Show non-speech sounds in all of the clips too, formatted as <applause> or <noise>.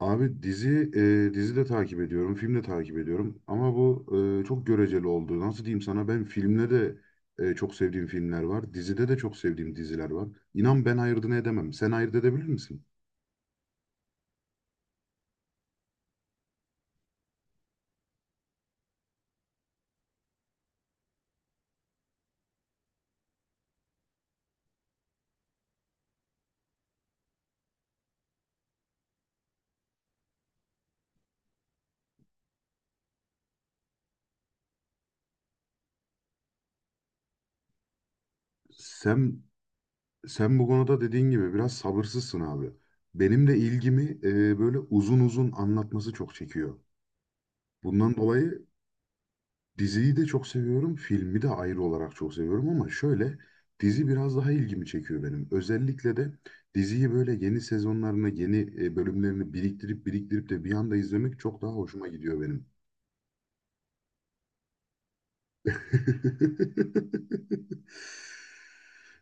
Abi dizi dizi de takip ediyorum, film de takip ediyorum ama bu çok göreceli oldu. Nasıl diyeyim sana ben filmde de çok sevdiğim filmler var, dizide de çok sevdiğim diziler var. İnan ben ayırdığını edemem. Sen ayırt edebilir misin? Sen sen bu konuda dediğin gibi biraz sabırsızsın abi. Benim de ilgimi böyle uzun uzun anlatması çok çekiyor. Bundan dolayı diziyi de çok seviyorum, filmi de ayrı olarak çok seviyorum ama şöyle dizi biraz daha ilgimi çekiyor benim. Özellikle de diziyi böyle yeni sezonlarını, yeni bölümlerini biriktirip biriktirip de bir anda izlemek çok daha hoşuma gidiyor benim. <laughs>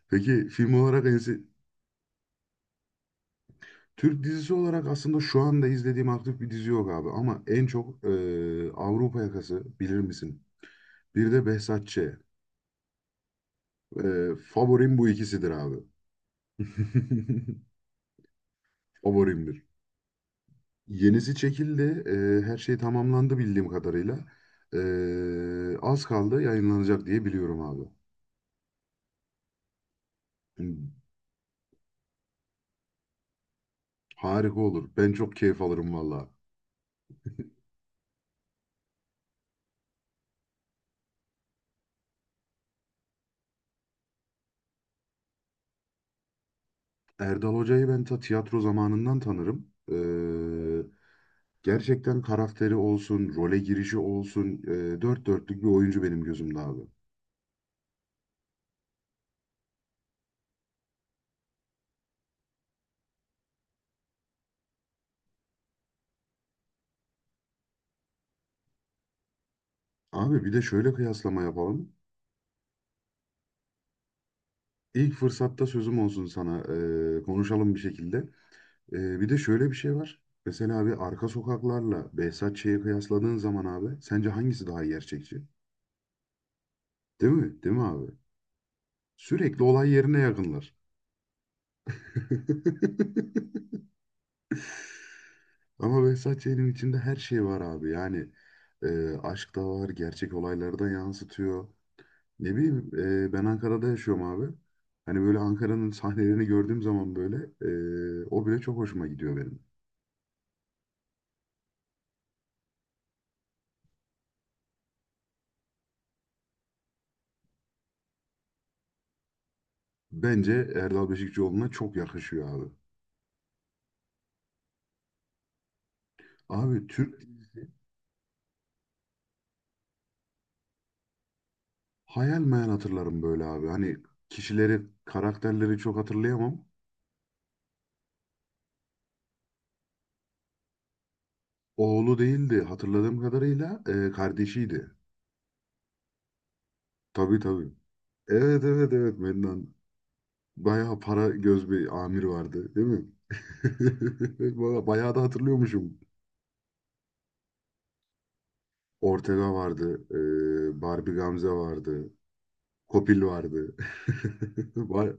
Peki film olarak en se- Türk dizisi olarak aslında şu anda izlediğim aktif bir dizi yok abi ama en çok Avrupa Yakası bilir misin? Bir de Behzat Ç. Favorim bu ikisidir abi. <laughs> Favorimdir. Yenisi çekildi. Her şey tamamlandı bildiğim kadarıyla. Az kaldı yayınlanacak diye biliyorum abi. Hmm, harika olur. Ben çok keyif alırım valla. Erdal Hoca'yı ben ta tiyatro zamanından tanırım. Gerçekten karakteri olsun, role girişi olsun, dört dörtlük bir oyuncu benim gözümde abi. Abi bir de şöyle kıyaslama yapalım. İlk fırsatta sözüm olsun sana. Konuşalım bir şekilde. Bir de şöyle bir şey var. Mesela abi arka sokaklarla Behzat Ç'yi kıyasladığın zaman abi sence hangisi daha gerçekçi? Değil mi? Değil mi abi? Sürekli olay yerine yakınlar. <laughs> Ama Behzat Ç'nin içinde her şey var abi. Yani aşk da var, gerçek olayları da yansıtıyor. Ne bileyim ben Ankara'da yaşıyorum abi. Hani böyle Ankara'nın sahnelerini gördüğüm zaman böyle o bile çok hoşuma gidiyor benim. Bence Erdal Beşikçioğlu'na çok yakışıyor abi. Abi Türk hayal meyal hatırlarım böyle abi. Hani kişileri, karakterleri çok hatırlayamam. Oğlu değildi hatırladığım kadarıyla kardeşiydi. Tabii tabii. Evet evet evet Mennan. Bayağı para göz bir amir vardı değil mi? <laughs> Baya- bayağı da hatırlıyormuşum. Ortega vardı. Barbie Gamze vardı. Kopil vardı. <laughs> Ba-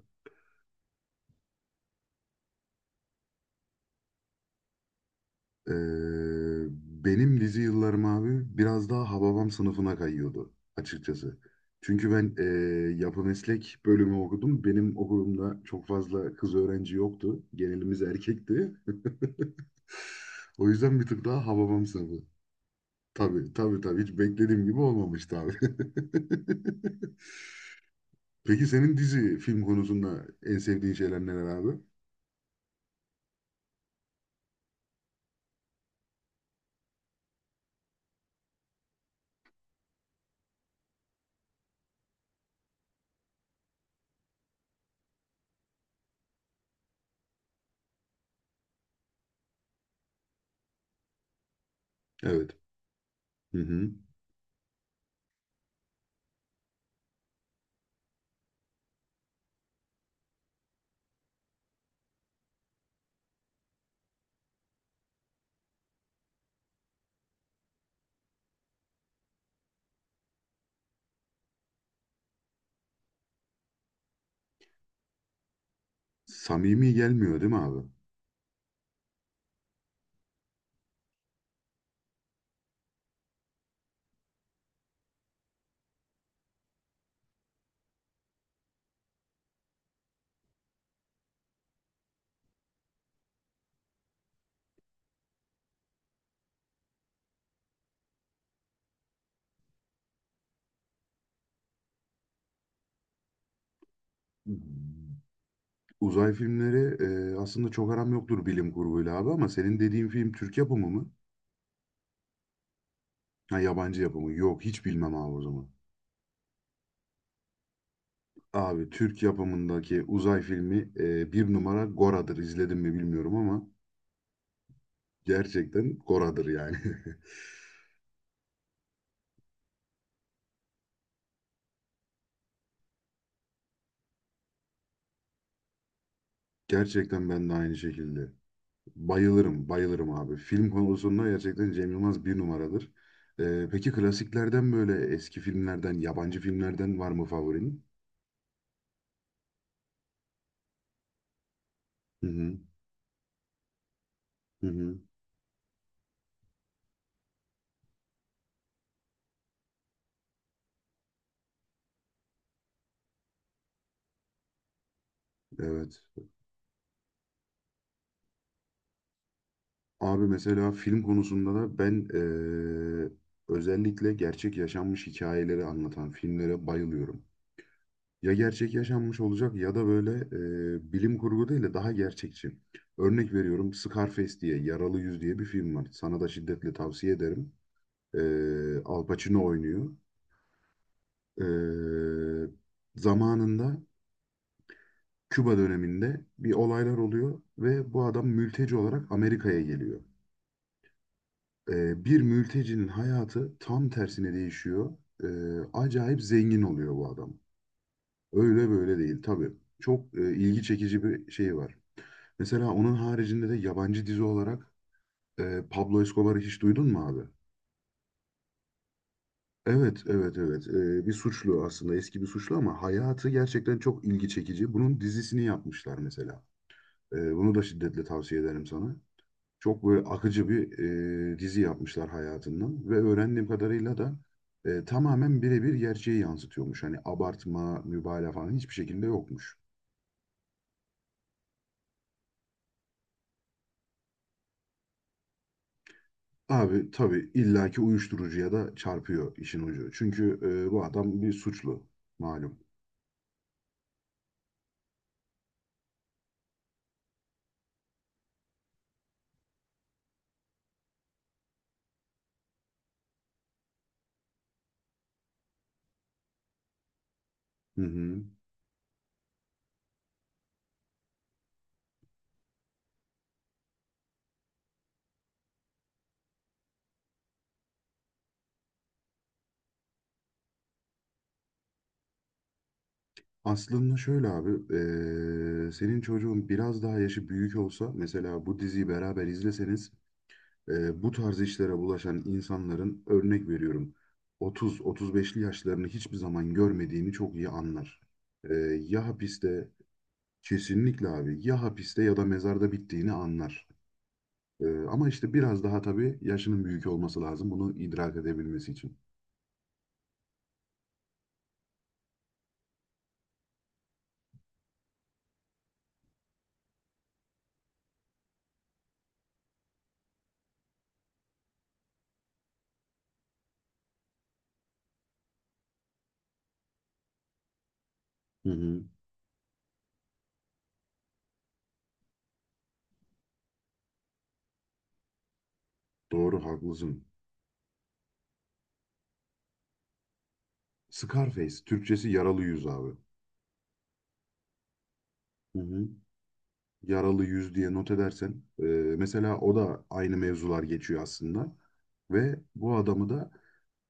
Ee, benim dizi yıllarım abi biraz daha Hababam sınıfına kayıyordu açıkçası. Çünkü ben yapı meslek bölümü okudum. Benim okulumda çok fazla kız öğrenci yoktu. Genelimiz erkekti. <laughs> O yüzden bir tık daha Hababam sınıfı. Tabii tabii tabii hiç beklediğim gibi olmamıştı abi. <laughs> Peki senin dizi film konusunda en sevdiğin şeyler neler abi? Evet. Hı hı. Samimi gelmiyor değil mi abi? Uzay filmleri aslında çok aram yoktur bilim kurguyla abi ama senin dediğin film Türk yapımı mı? Ha yabancı yapımı. Yok hiç bilmem abi o zaman. Abi Türk yapımındaki uzay filmi bir numara Gora'dır. İzledim mi bilmiyorum ama gerçekten Gora'dır yani. <laughs> Gerçekten ben de aynı şekilde. Bayılırım, bayılırım abi. Film konusunda gerçekten Cem Yılmaz bir numaradır. E, peki klasiklerden böyle eski filmlerden, yabancı filmlerden var mı favorin? Hı hı, hı hı, evet. Abi mesela film konusunda da ben özellikle gerçek yaşanmış hikayeleri anlatan filmlere bayılıyorum. Ya gerçek yaşanmış olacak ya da böyle bilim kurgu değil de daha gerçekçi. Örnek veriyorum Scarface diye, Yaralı Yüz diye bir film var. Sana da şiddetle tavsiye ederim. Al Pacino oynuyor. Eee, Zamanında Küba döneminde bir olaylar oluyor ve bu adam mülteci olarak Amerika'ya geliyor. Bir mültecinin hayatı tam tersine değişiyor. Ee, Acayip zengin oluyor bu adam. Öyle böyle değil tabii. Çok ilgi çekici bir şey var. Mesela onun haricinde de yabancı dizi olarak Pablo Escobar'ı hiç duydun mu abi? Evet, evet, evet. Bir suçlu aslında eski bir suçlu ama hayatı gerçekten çok ilgi çekici. Bunun dizisini yapmışlar mesela. Bunu da şiddetle tavsiye ederim sana. Çok böyle akıcı bir dizi yapmışlar hayatından ve öğrendiğim kadarıyla da tamamen birebir gerçeği yansıtıyormuş. Hani abartma, mübalağa falan hiçbir şekilde yokmuş. Abi tabii illaki uyuşturucuya da çarpıyor işin ucu. Çünkü bu adam bir suçlu malum. Hı hı. Aslında şöyle abi, senin çocuğun biraz daha yaşı büyük olsa mesela bu diziyi beraber izleseniz bu tarz işlere bulaşan insanların örnek veriyorum 30-35'li yaşlarını hiçbir zaman görmediğini çok iyi anlar. E, ya hapiste kesinlikle abi ya hapiste ya da mezarda bittiğini anlar. E, ama işte biraz daha tabii yaşının büyük olması lazım bunu idrak edebilmesi için. Hı hı. Doğru haklısın. Scarface Türkçesi yaralı yüz abi. Hı hı. Yaralı yüz diye not edersen mesela o da aynı mevzular geçiyor aslında. Ve bu adamı da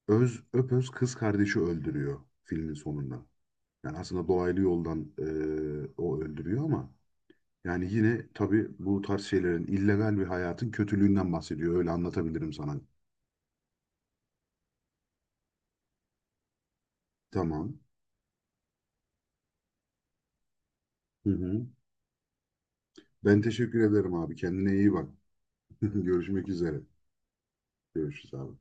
öz öpöz kız kardeşi öldürüyor filmin sonunda. Yani aslında dolaylı yoldan o öldürüyor ama yani yine tabii bu tarz şeylerin illegal bir hayatın kötülüğünden bahsediyor. Öyle anlatabilirim sana. Tamam. Hı hı. Ben teşekkür ederim abi. Kendine iyi bak. <laughs> Görüşmek üzere. Görüşürüz abi.